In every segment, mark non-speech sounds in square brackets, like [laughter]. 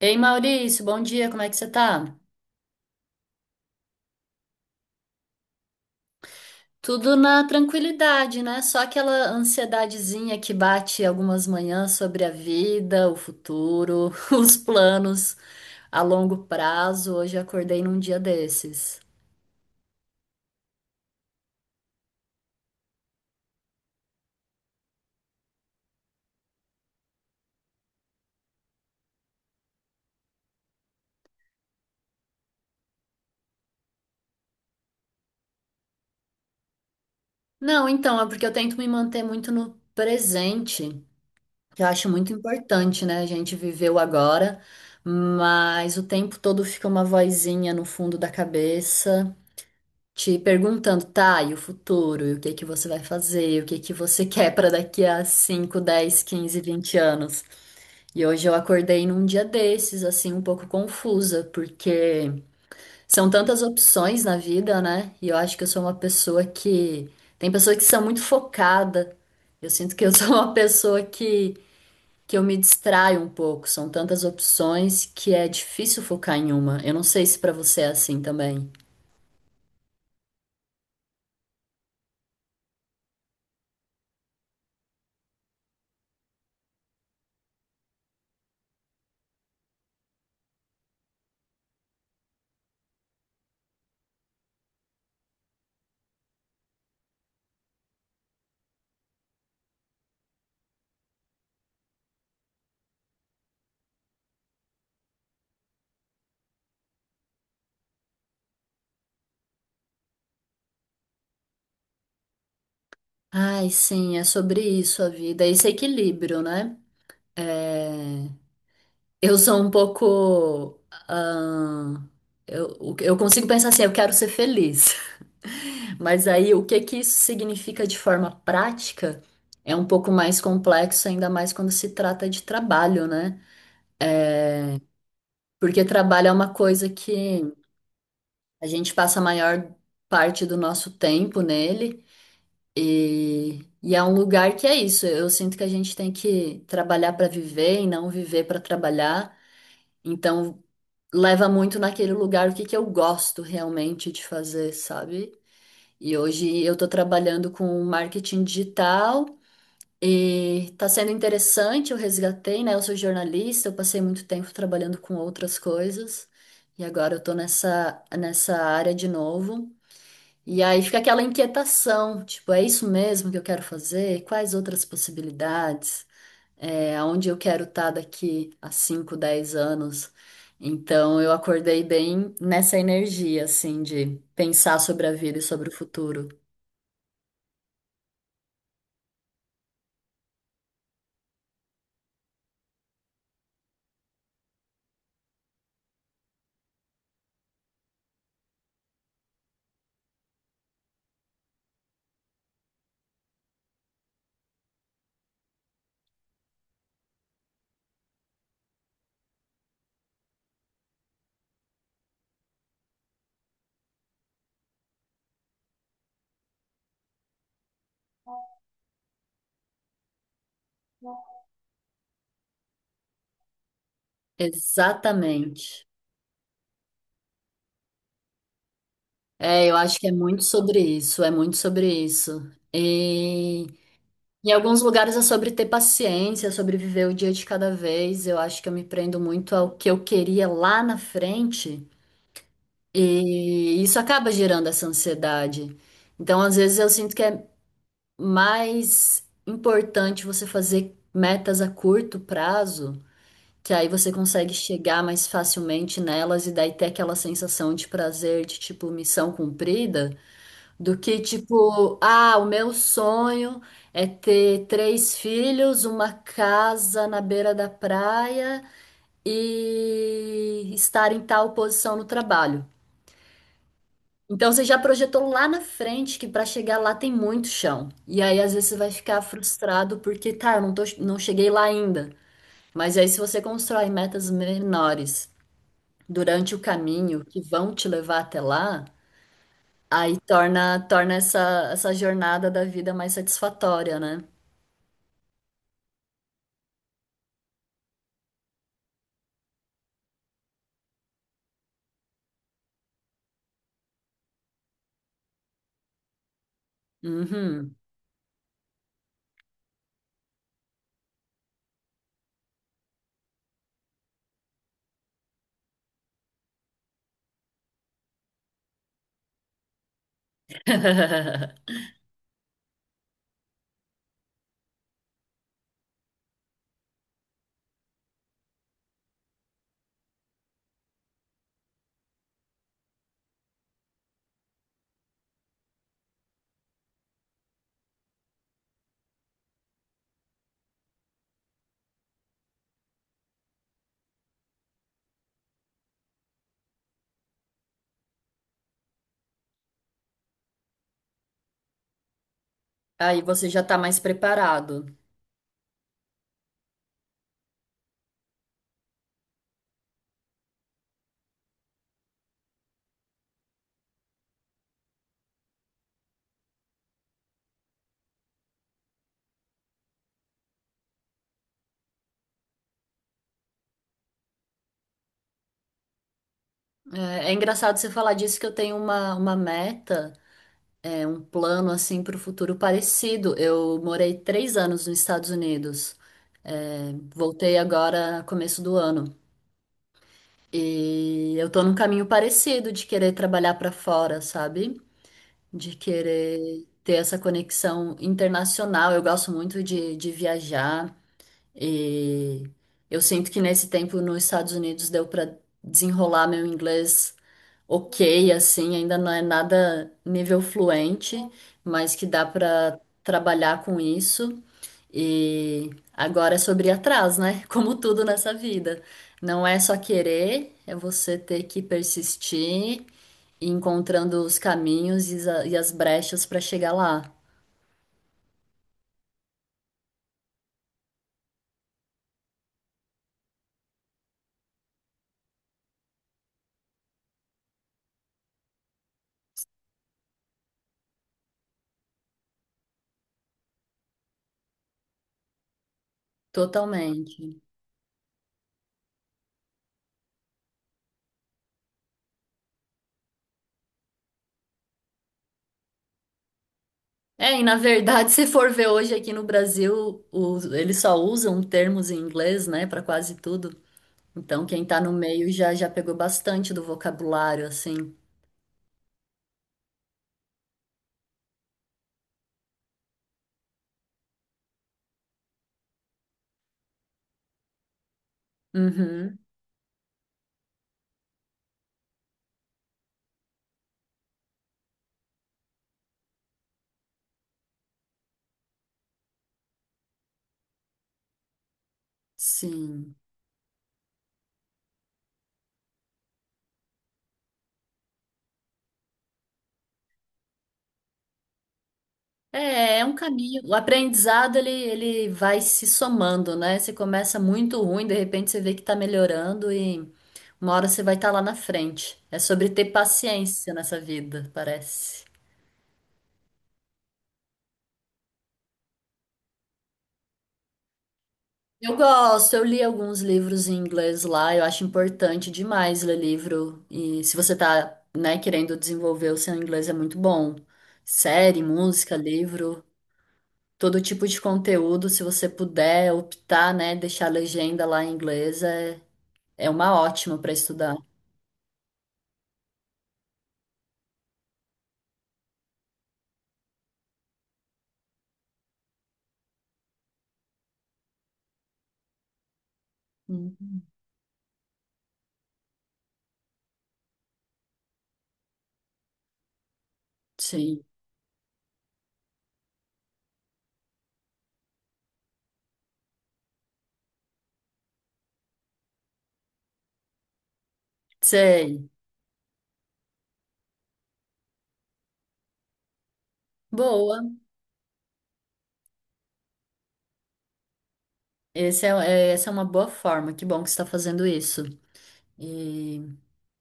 Ei, Maurício, bom dia, como é que você tá? Tudo na tranquilidade, né? Só aquela ansiedadezinha que bate algumas manhãs sobre a vida, o futuro, [laughs] os planos a longo prazo. Hoje eu acordei num dia desses. Não, então, é porque eu tento me manter muito no presente, que eu acho muito importante, né? A gente viver o agora, mas o tempo todo fica uma vozinha no fundo da cabeça, te perguntando, tá, e o futuro, e o que que você vai fazer, o que que você [laughs] quer para daqui a 5, 10, 15, 20 anos. E hoje eu acordei num dia desses, assim, um pouco confusa, porque são tantas opções na vida, né? E eu acho que eu sou uma pessoa que tem pessoas que são muito focada. Eu sinto que eu [laughs] sou uma pessoa que eu me distraio um pouco. São tantas opções que é difícil focar em uma. Eu não sei se para você é assim também. Ai, sim, é sobre isso a vida, é esse equilíbrio, né? É, eu sou um pouco. Ah, eu consigo pensar assim, eu quero ser feliz. [laughs] Mas aí o que que isso significa de forma prática é um pouco mais complexo, ainda mais quando se trata de trabalho, né? Porque trabalho é uma coisa que a gente passa a maior parte do nosso tempo nele. E é um lugar que é isso. Eu sinto que a gente tem que trabalhar para viver e não viver para trabalhar. Então, leva muito naquele lugar o que que eu gosto realmente de fazer, sabe? E hoje eu estou trabalhando com marketing digital e está sendo interessante. Eu resgatei, né? Eu sou jornalista, eu passei muito tempo trabalhando com outras coisas e agora eu estou nessa área de novo. E aí fica aquela inquietação, tipo, é isso mesmo que eu quero fazer? Quais outras possibilidades? É, aonde eu quero estar daqui a 5, 10 anos? Então eu acordei bem nessa energia, assim, de pensar sobre a vida e sobre o futuro. Exatamente. É, eu acho que é muito sobre isso, é muito sobre isso. E em alguns lugares é sobre ter paciência, sobre viver o dia de cada vez. Eu acho que eu me prendo muito ao que eu queria lá na frente, e isso acaba gerando essa ansiedade. Então, às vezes, eu sinto que é mais importante você fazer metas a curto prazo, que aí você consegue chegar mais facilmente nelas e daí ter aquela sensação de prazer, de tipo missão cumprida, do que tipo, ah, o meu sonho é ter 3 filhos, uma casa na beira da praia e estar em tal posição no trabalho. Então você já projetou lá na frente que para chegar lá tem muito chão. E aí às vezes você vai ficar frustrado porque tá, eu não tô, não cheguei lá ainda. Mas aí se você constrói metas menores durante o caminho que vão te levar até lá, aí torna essa jornada da vida mais satisfatória, né? Uhum. [laughs] Aí você já tá mais preparado. É, é engraçado você falar disso que eu tenho uma meta. É um plano assim para o futuro parecido. Eu morei 3 anos nos Estados Unidos. É, voltei agora começo do ano. E eu tô num caminho parecido de querer trabalhar para fora, sabe? De querer ter essa conexão internacional. Eu gosto muito de viajar. E eu sinto que nesse tempo nos Estados Unidos deu para desenrolar meu inglês ok, assim, ainda não é nada nível fluente, mas que dá para trabalhar com isso. E agora é sobre ir atrás, né? [laughs] Como tudo nessa vida. Não é só querer, é você ter que persistir, e ir encontrando os caminhos e as brechas para chegar lá. Totalmente. É, e na verdade, [laughs] se for ver hoje aqui no Brasil, eles só usam termos em inglês, né, para quase tudo. Então, quem tá no meio já já pegou bastante do vocabulário, assim. Uhum, sim. É, é um caminho. O aprendizado, ele vai se somando, né? Você começa muito ruim, de repente você vê que tá melhorando e uma hora você vai estar lá na frente. É sobre ter paciência nessa vida, parece. Eu gosto, eu li alguns livros em inglês lá, eu acho importante demais ler livro. E se você tá, né, querendo desenvolver o seu inglês é muito bom. Série, música, livro, todo tipo de conteúdo, se você puder optar, né, deixar a legenda lá em inglês é, é uma ótima para estudar. Hum, Sim, sei. Boa. Esse é, Essa é uma boa forma. Que bom que você está fazendo isso. E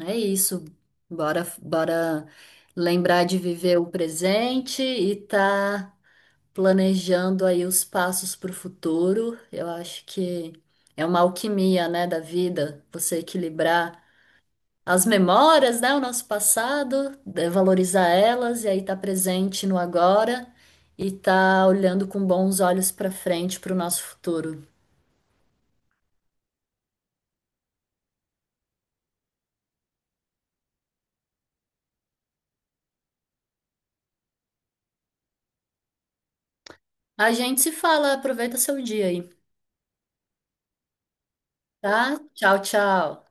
é isso. Bora, bora lembrar de viver o presente e tá planejando aí os passos para o futuro. Eu acho que é uma alquimia, né, da vida, você equilibrar as memórias, né, o nosso passado, valorizar elas e aí tá presente no agora e tá olhando com bons olhos para frente para o nosso futuro. A gente se fala, aproveita seu dia aí, tá? Tchau, tchau.